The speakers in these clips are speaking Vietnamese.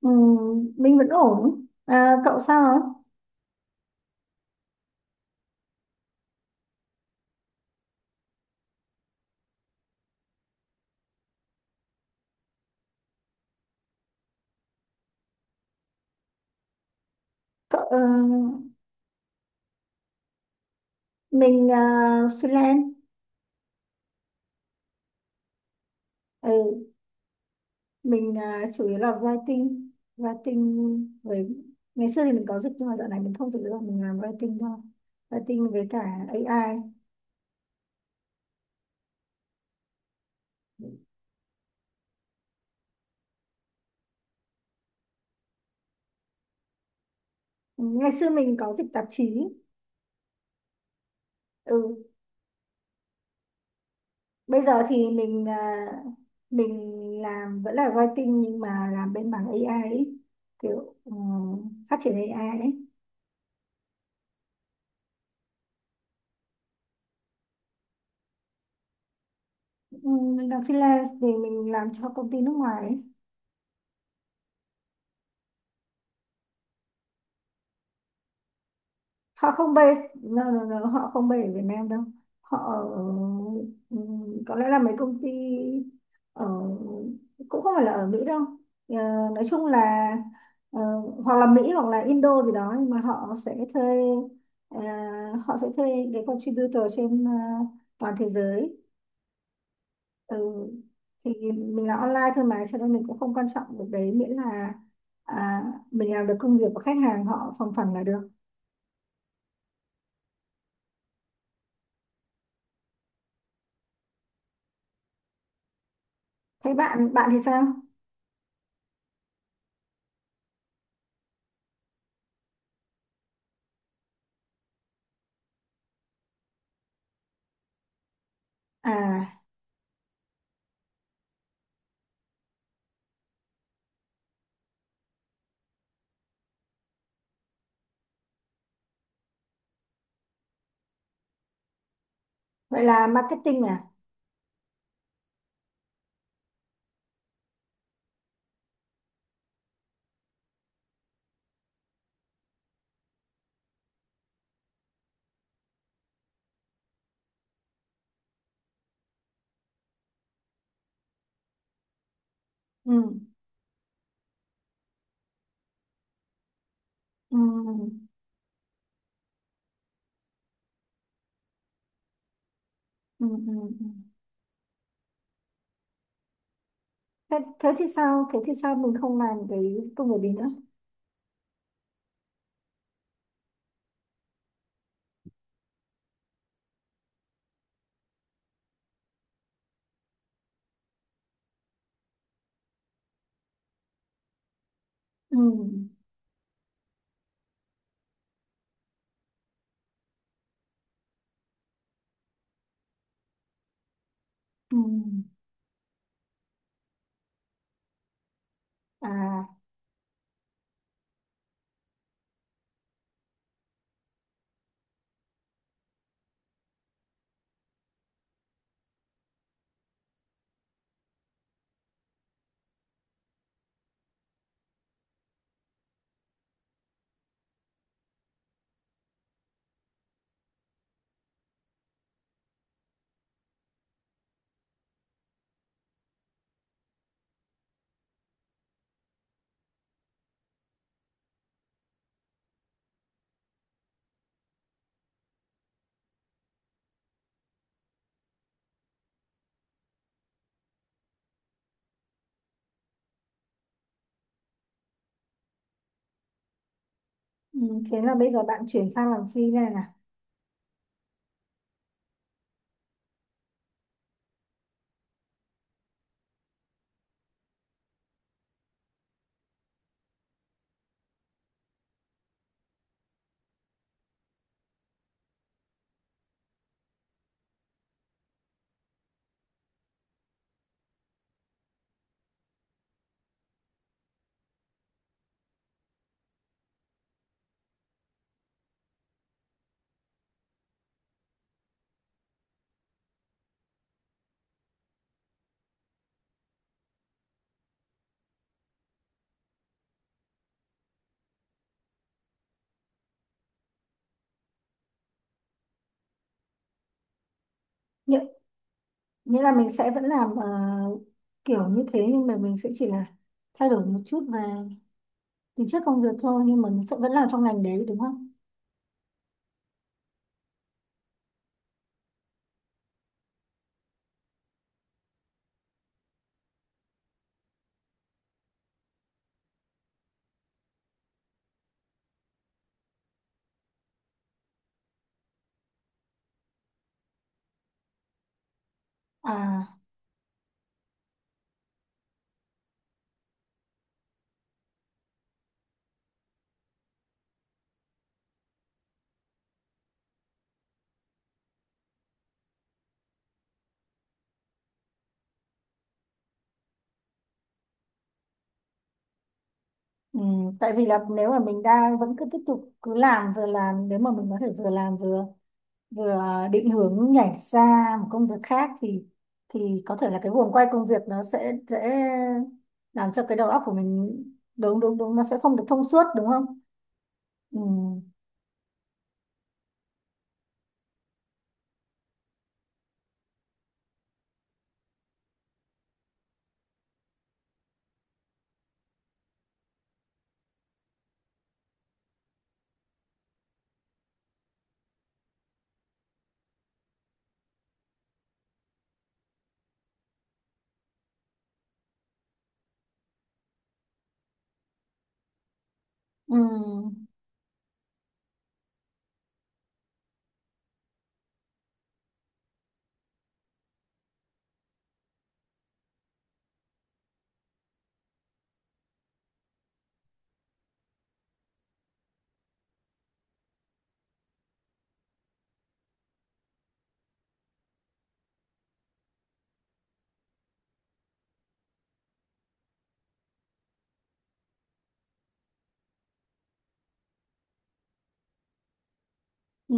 Ừ, mình vẫn ổn. À, cậu sao rồi? Cậu, ờ, mình ờ, freelance. Ừ, mình ờ, chủ yếu là writing. Writing với... Ngày xưa thì mình có dịch nhưng mà dạo này mình không dịch nữa. Mình làm writing thôi. Writing với cả AI. Ừ, ngày xưa mình có dịch tạp chí. Ừ, bây giờ thì mình làm vẫn là writing nhưng mà làm bên mảng AI ấy. Kiểu ờ, phát triển AI ấy. Ừ, mình làm freelance thì mình làm cho công ty nước ngoài ấy. Họ không base, no, no, no, họ không base ở Việt Nam đâu, họ ở- ừ, có lẽ là mấy công ty ở cũng không phải là ở Mỹ đâu. Ờ, nói chung là ờ, hoặc là Mỹ hoặc là Indo gì đó, nhưng mà họ sẽ thuê, ờ, họ sẽ thuê cái contributor trên, toàn thế giới. Ừ. Thì mình làm online thôi mà, cho nên mình cũng không quan trọng được đấy, miễn là, à, mình làm được công việc của khách hàng, họ sòng phẳng là được. Thế bạn bạn thì sao? À vậy là marketing à? Ừ. Ừ. Ừ. Ừ. Ừ. Thế, thế thì sao mình không làm cái công việc đấy nữa? Ừ. Ừ. à ừ. Thế là bây giờ bạn chuyển sang làm freelance à? Nghĩa, nghĩa là mình sẽ vẫn làm, kiểu như thế, nhưng mà mình sẽ chỉ là thay đổi một chút về tính chất công việc thôi, nhưng mà nó sẽ vẫn làm trong ngành đấy đúng không? À ừ, tại vì là nếu mà mình đang vẫn cứ tiếp tục cứ làm, vừa làm, nếu mà mình có thể vừa làm vừa, vừa định hướng nhảy ra một công việc khác thì có thể là cái guồng quay công việc nó sẽ dễ làm cho cái đầu óc của mình. Đúng, đúng, đúng, nó sẽ không được thông suốt đúng không? Ừ, ừ, ừ,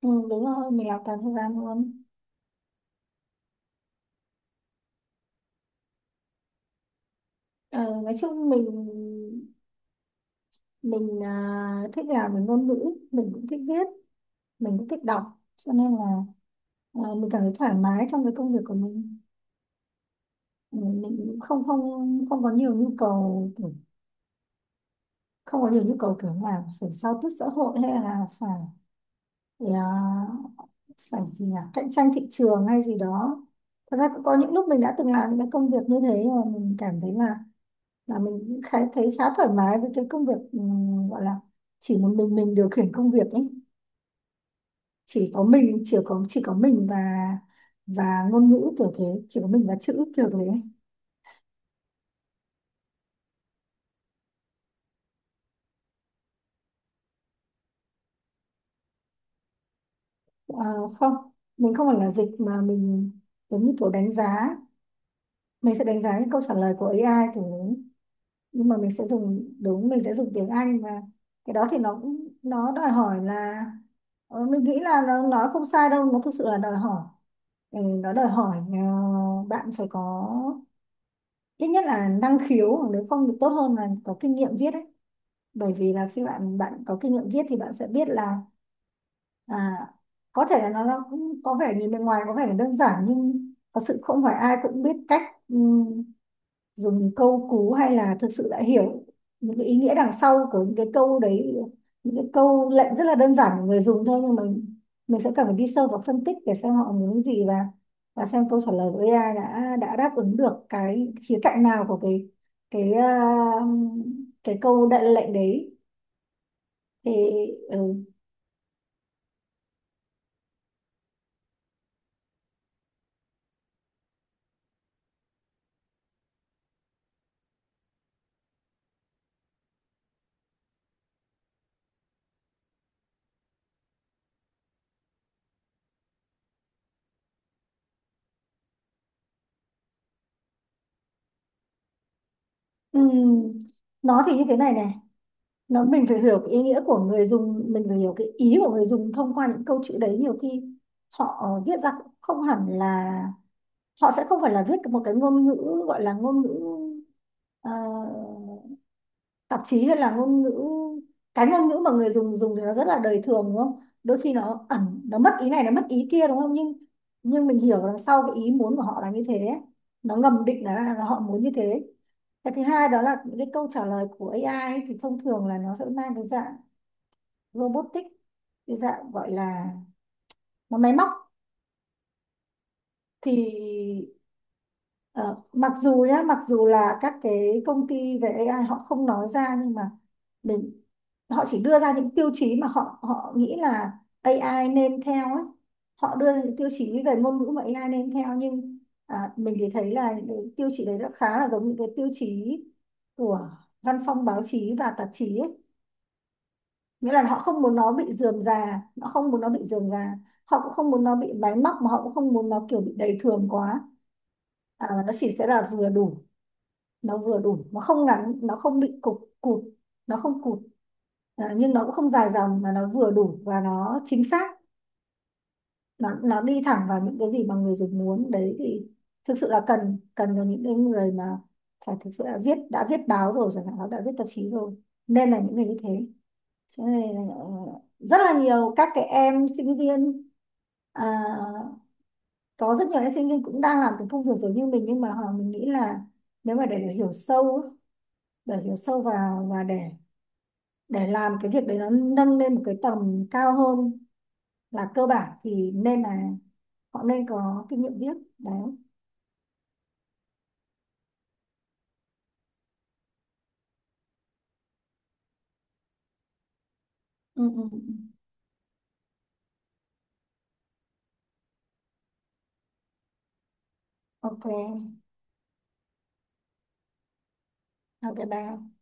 ừ, đúng rồi, mình làm toàn thời gian luôn. Ờ, nói chung mình, thích làm về ngôn ngữ, mình cũng thích viết, mình cũng thích đọc, cho nên là, mình cảm thấy thoải mái trong cái công việc của mình. Ừ, mình cũng không không không có nhiều nhu cầu kiểu, không có nhiều nhu cầu kiểu là phải giao tiếp xã hội hay là phải, à, phải gì nhỉ, cạnh tranh thị trường hay gì đó. Thật ra cũng có những lúc mình đã từng làm những cái công việc như thế mà mình cảm thấy là mình cũng khá thấy khá thoải mái với cái công việc, gọi là chỉ một mình điều khiển công việc ấy. Chỉ có mình, chỉ có mình và ngôn ngữ kiểu thế, chỉ có mình và chữ kiểu thế. Ờ, không, mình không phải là dịch mà mình giống như kiểu đánh giá, mình sẽ đánh giá những câu trả lời của AI kiểu đấy, nhưng mà mình sẽ dùng, đúng, mình sẽ dùng tiếng Anh. Và cái đó thì nó cũng nó đòi hỏi là, mình nghĩ là nó nói không sai đâu, nó thực sự là đòi hỏi. Ừ, nó đòi hỏi, bạn phải có ít nhất là năng khiếu, hoặc nếu không thì tốt hơn là có kinh nghiệm viết ấy. Bởi vì là khi bạn bạn có kinh nghiệm viết thì bạn sẽ biết là, à, có thể là nó cũng có vẻ, nhìn bên ngoài có vẻ là đơn giản, nhưng thật sự không phải ai cũng biết cách, ừm, dùng câu cú, hay là thực sự đã hiểu những cái ý nghĩa đằng sau của những cái câu đấy. Những cái câu lệnh rất là đơn giản của người dùng thôi, nhưng mà mình sẽ cần phải đi sâu vào phân tích để xem họ muốn cái gì, và xem câu trả lời của AI đã đáp ứng được cái khía cạnh nào của cái, cái à, cái câu đại lệnh đấy. Thì ừ. ừm, nó thì như thế này này, nó mình phải hiểu cái ý nghĩa của người dùng, mình phải hiểu cái ý của người dùng thông qua những câu chữ đấy. Nhiều khi họ, viết ra cũng không hẳn là, họ sẽ không phải là viết một cái ngôn ngữ, gọi là ngôn ngữ, ờ, tạp chí, hay là ngôn ngữ, cái ngôn ngữ mà người dùng dùng thì nó rất là đời thường đúng không? Đôi khi nó ẩn, nó mất ý này, nó mất ý kia đúng không, nhưng nhưng mình hiểu đằng sau cái ý muốn của họ là như thế, nó ngầm định là họ muốn như thế. Cái thứ hai đó là những cái câu trả lời của AI ấy, thì thông thường là nó sẽ mang cái dạng robotic, cái dạng gọi là nó máy móc. Thì ờ, mặc dù nhá, mặc dù là các cái công ty về AI họ không nói ra, nhưng mà mình, họ chỉ đưa ra những tiêu chí mà họ họ nghĩ là AI nên theo ấy. Họ đưa ra những tiêu chí về ngôn ngữ mà AI nên theo, nhưng mình thì thấy là những cái tiêu chí đấy nó khá là giống những cái tiêu chí của văn phòng báo chí và tạp chí ấy. Nghĩa là họ không muốn nó bị rườm rà, họ không muốn nó bị rườm rà, họ cũng không muốn nó bị máy móc, mà họ cũng không muốn nó kiểu bị đầy thường quá. Mà nó chỉ sẽ là vừa đủ, nó vừa đủ, nó không ngắn, nó không bị cục cụt, nó không cụt. Nhưng nó cũng không dài dòng, mà nó vừa đủ và nó chính xác, nó đi thẳng vào những cái gì mà người dùng muốn đấy. Thì thực sự là cần, cần cho những cái người mà phải thực sự là viết, đã viết báo rồi chẳng hạn, nó đã viết tạp chí rồi, nên là những người như thế. Chỗ này là rất là nhiều các cái em sinh viên, à, có rất nhiều em sinh viên cũng đang làm cái công việc giống như mình, nhưng mà họ, mình nghĩ là nếu mà để hiểu sâu á, để hiểu sâu vào, và để làm cái việc đấy nó nâng lên một cái tầm cao hơn là cơ bản, thì nên là họ nên có kinh nghiệm viết đấy. Ừ, ừ. Ừ. OK. OK, bye.